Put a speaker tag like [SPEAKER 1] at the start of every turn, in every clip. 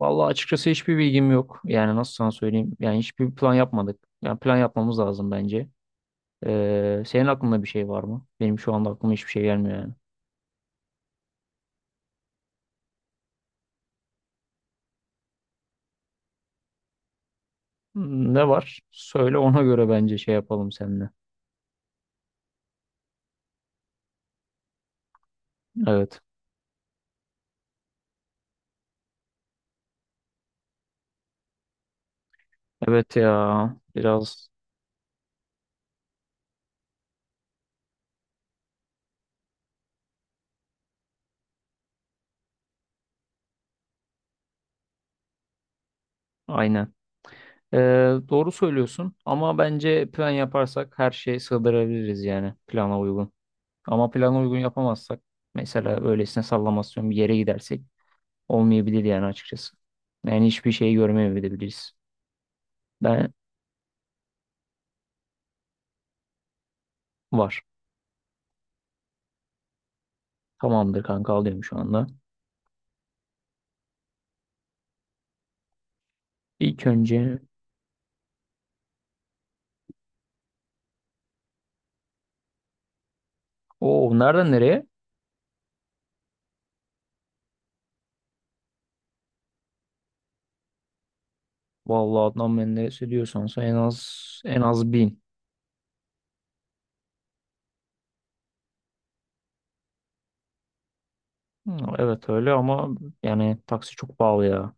[SPEAKER 1] Vallahi açıkçası hiçbir bilgim yok. Yani nasıl sana söyleyeyim? Yani hiçbir plan yapmadık. Yani plan yapmamız lazım bence. Senin aklında bir şey var mı? Benim şu anda aklıma hiçbir şey gelmiyor yani. Ne var? Söyle ona göre bence şey yapalım seninle. Evet. Evet ya. Biraz aynen. Ee, doğru söylüyorsun ama bence plan yaparsak her şeyi sığdırabiliriz yani plana uygun. Ama plana uygun yapamazsak mesela öylesine sallamasyon bir yere gidersek olmayabilir yani açıkçası. Yani hiçbir şey görmeyebiliriz. Ben Var. Tamamdır kanka alıyorum şu anda. İlk önce o nereden nereye? Vallahi Adnan Menderes'e diyorsan sen en az 1.000. Hı, Evet öyle ama yani taksi çok pahalı ya.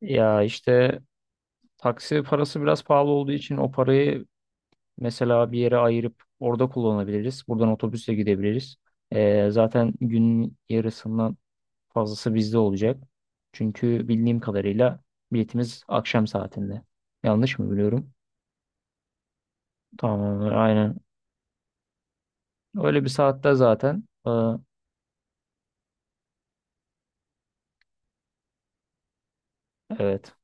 [SPEAKER 1] Ya işte taksi parası biraz pahalı olduğu için o parayı mesela bir yere ayırıp orada kullanabiliriz. Buradan otobüsle gidebiliriz. Zaten gün yarısından fazlası bizde olacak. Çünkü bildiğim kadarıyla biletimiz akşam saatinde. Yanlış mı biliyorum? Tamamdır, aynen. Öyle bir saatte zaten. Evet.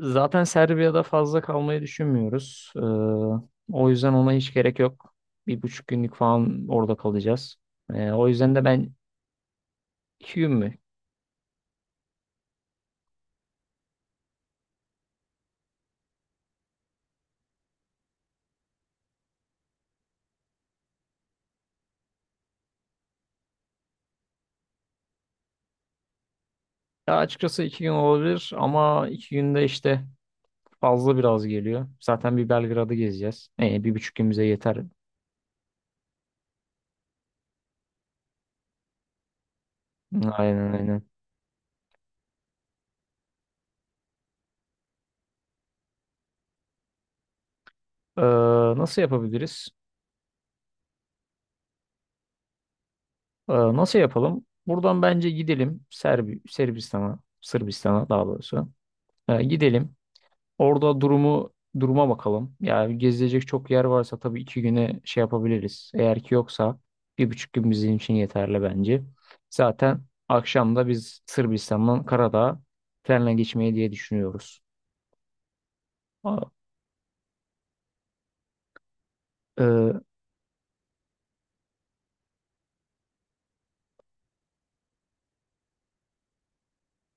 [SPEAKER 1] Zaten Serbia'da fazla kalmayı düşünmüyoruz. O yüzden ona hiç gerek yok. Bir buçuk günlük falan orada kalacağız. O yüzden de ben iki gün mü? Ya açıkçası iki gün olabilir ama iki günde işte fazla biraz geliyor. Zaten bir Belgrad'ı gezeceğiz. Bir buçuk gün bize yeter. Aynen aynen. Ee, Nasıl yapabiliriz? Nasıl yapalım? Buradan bence gidelim Sırbistan'a, Sırbistan'a daha doğrusu. Gidelim. Orada durumu duruma bakalım. Yani gezilecek çok yer varsa tabii iki güne şey yapabiliriz. Eğer ki yoksa bir buçuk gün bizim için yeterli bence. Zaten akşam da biz Sırbistan'dan Karadağ'a trenle geçmeyi diye düşünüyoruz. Aa, e,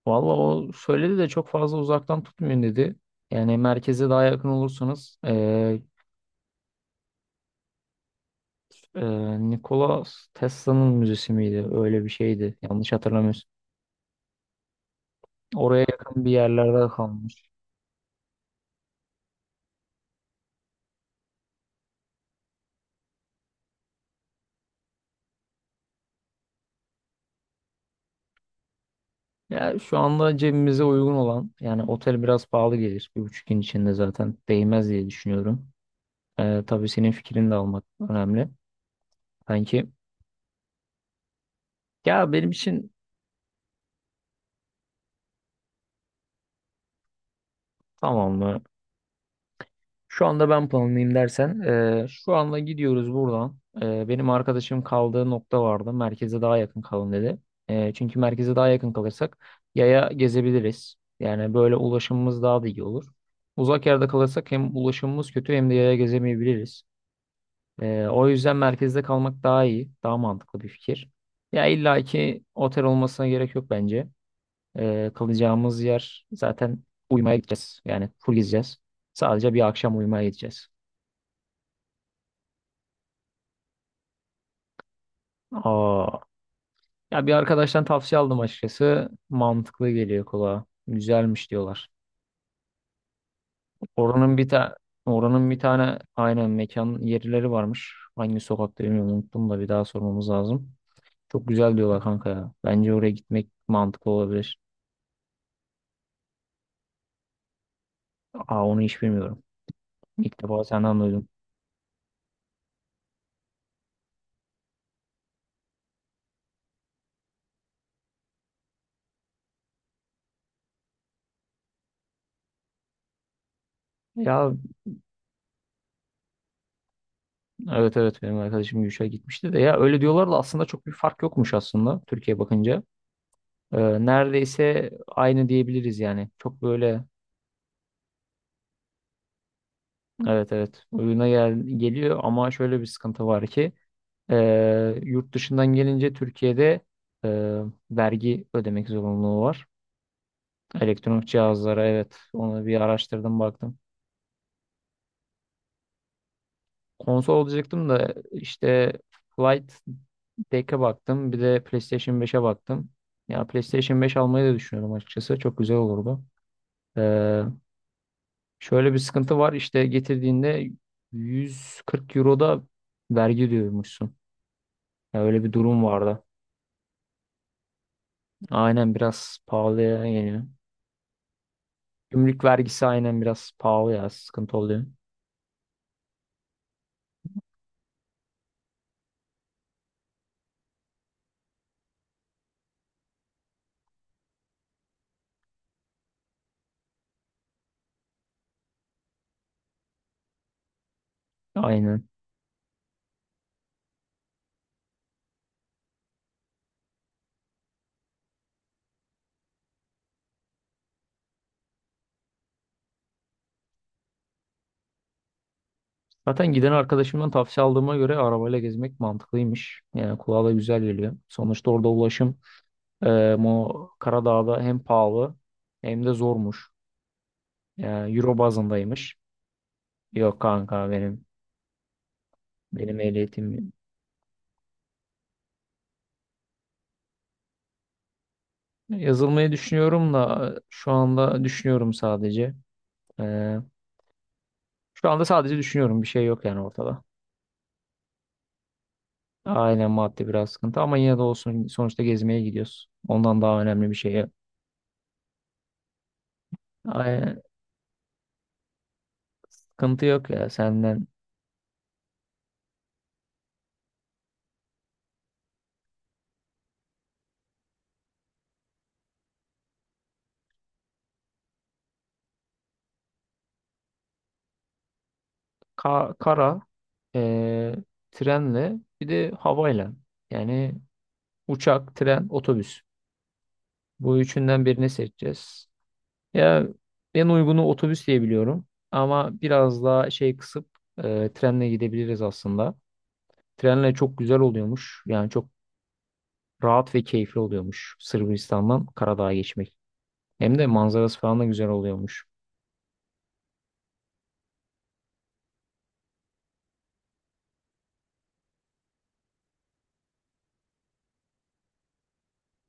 [SPEAKER 1] Valla o söyledi de çok fazla uzaktan tutmayın dedi. Yani merkeze daha yakın olursanız. Nikola Tesla'nın müzesi miydi? Öyle bir şeydi. Yanlış hatırlamıyorsun. Oraya yakın bir yerlerde kalmış. Ya şu anda cebimize uygun olan yani otel biraz pahalı gelir. Bir buçuk gün içinde zaten değmez diye düşünüyorum. Tabii senin fikrini de almak önemli. Sanki ya benim için tamam mı? Şu anda ben planlayayım dersen, şu anda gidiyoruz buradan. Benim arkadaşım kaldığı nokta vardı. Merkeze daha yakın kalın dedi. Çünkü merkeze daha yakın kalırsak yaya gezebiliriz. Yani böyle ulaşımımız daha da iyi olur. Uzak yerde kalırsak hem ulaşımımız kötü hem de yaya gezemeyebiliriz. O yüzden merkezde kalmak daha iyi, daha mantıklı bir fikir. Ya illa ki otel olmasına gerek yok bence. Kalacağımız yer zaten uyumaya gideceğiz. Yani full gezeceğiz. Sadece bir akşam uyumaya gideceğiz. Aa, Ya bir arkadaştan tavsiye aldım açıkçası. Mantıklı geliyor kulağa. Güzelmiş diyorlar. Oranın bir tane oranın bir tane aynen mekan yerleri varmış. Hangi sokakta bilmiyorum unuttum da bir daha sormamız lazım. Çok güzel diyorlar kanka ya. Bence oraya gitmek mantıklı olabilir. Onu hiç bilmiyorum. İlk defa senden duydum. Ya evet evet benim arkadaşım Gülşah gitmişti de ya öyle diyorlar da aslında çok bir fark yokmuş aslında Türkiye bakınca. Neredeyse aynı diyebiliriz yani. Çok böyle. Evet evet oyuna gel geliyor ama şöyle bir sıkıntı var ki, yurt dışından gelince Türkiye'de e, vergi ödemek zorunluluğu var. Elektronik cihazlara evet onu bir araştırdım baktım. Konsol olacaktım da işte Flight Deck'e baktım bir de PlayStation 5'e baktım. Ya PlayStation 5 almayı da düşünüyorum açıkçası çok güzel olurdu. E, Şöyle bir sıkıntı var işte getirdiğinde 140 Euro'da vergi ödüyormuşsun. Ya öyle bir durum vardı. Aynen biraz pahalıya geliyor. Gümrük vergisi aynen biraz pahalı ya. Sıkıntı oluyor. Aynen. Zaten giden arkadaşımdan tavsiye aldığıma göre arabayla gezmek mantıklıymış. Yani kulağa da güzel geliyor. Sonuçta orada ulaşım e, Mo Karadağ'da hem pahalı hem de zormuş. Yani Euro bazındaymış. Yok kanka benim ehliyetim yazılmayı düşünüyorum da şu anda düşünüyorum sadece. E, Şu anda sadece düşünüyorum. Bir şey yok yani ortada. Aynen maddi biraz sıkıntı ama yine de olsun sonuçta gezmeye gidiyoruz. Ondan daha önemli bir şey yok. Ay, sıkıntı yok ya senden. Kara, e, trenle bir de havayla. Yani uçak, tren, otobüs. Bu üçünden birini seçeceğiz. Ya en uygunu otobüs diye biliyorum. Ama biraz daha şey kısıp trenle gidebiliriz aslında. Trenle çok güzel oluyormuş. Yani çok rahat ve keyifli oluyormuş Sırbistan'dan Karadağ'a geçmek. Hem de manzarası falan da güzel oluyormuş.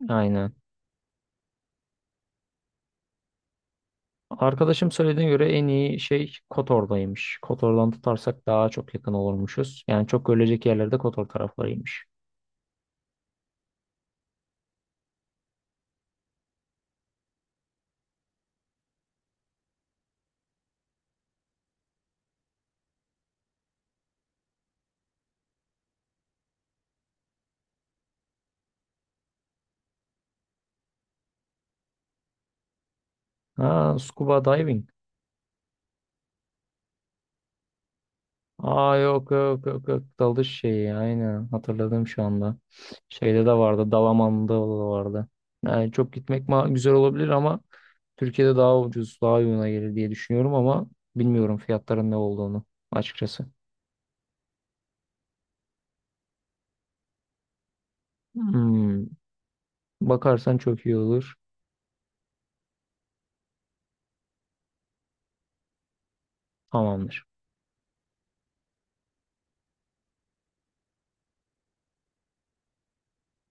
[SPEAKER 1] Aynen. Arkadaşım söylediğine göre en iyi şey Kotor'daymış. Kotor'dan tutarsak daha çok yakın olurmuşuz. Yani çok görülecek yerlerde Kotor taraflarıymış. Ha, scuba diving. Yok yok yok yok dalış şeyi aynen hatırladım şu anda. Şeyde de vardı Dalaman'da da vardı. Yani çok gitmek güzel olabilir ama Türkiye'de daha ucuz daha uyguna gelir diye düşünüyorum ama bilmiyorum fiyatların ne olduğunu açıkçası. Hmm. Bakarsan çok iyi olur. Tamamdır.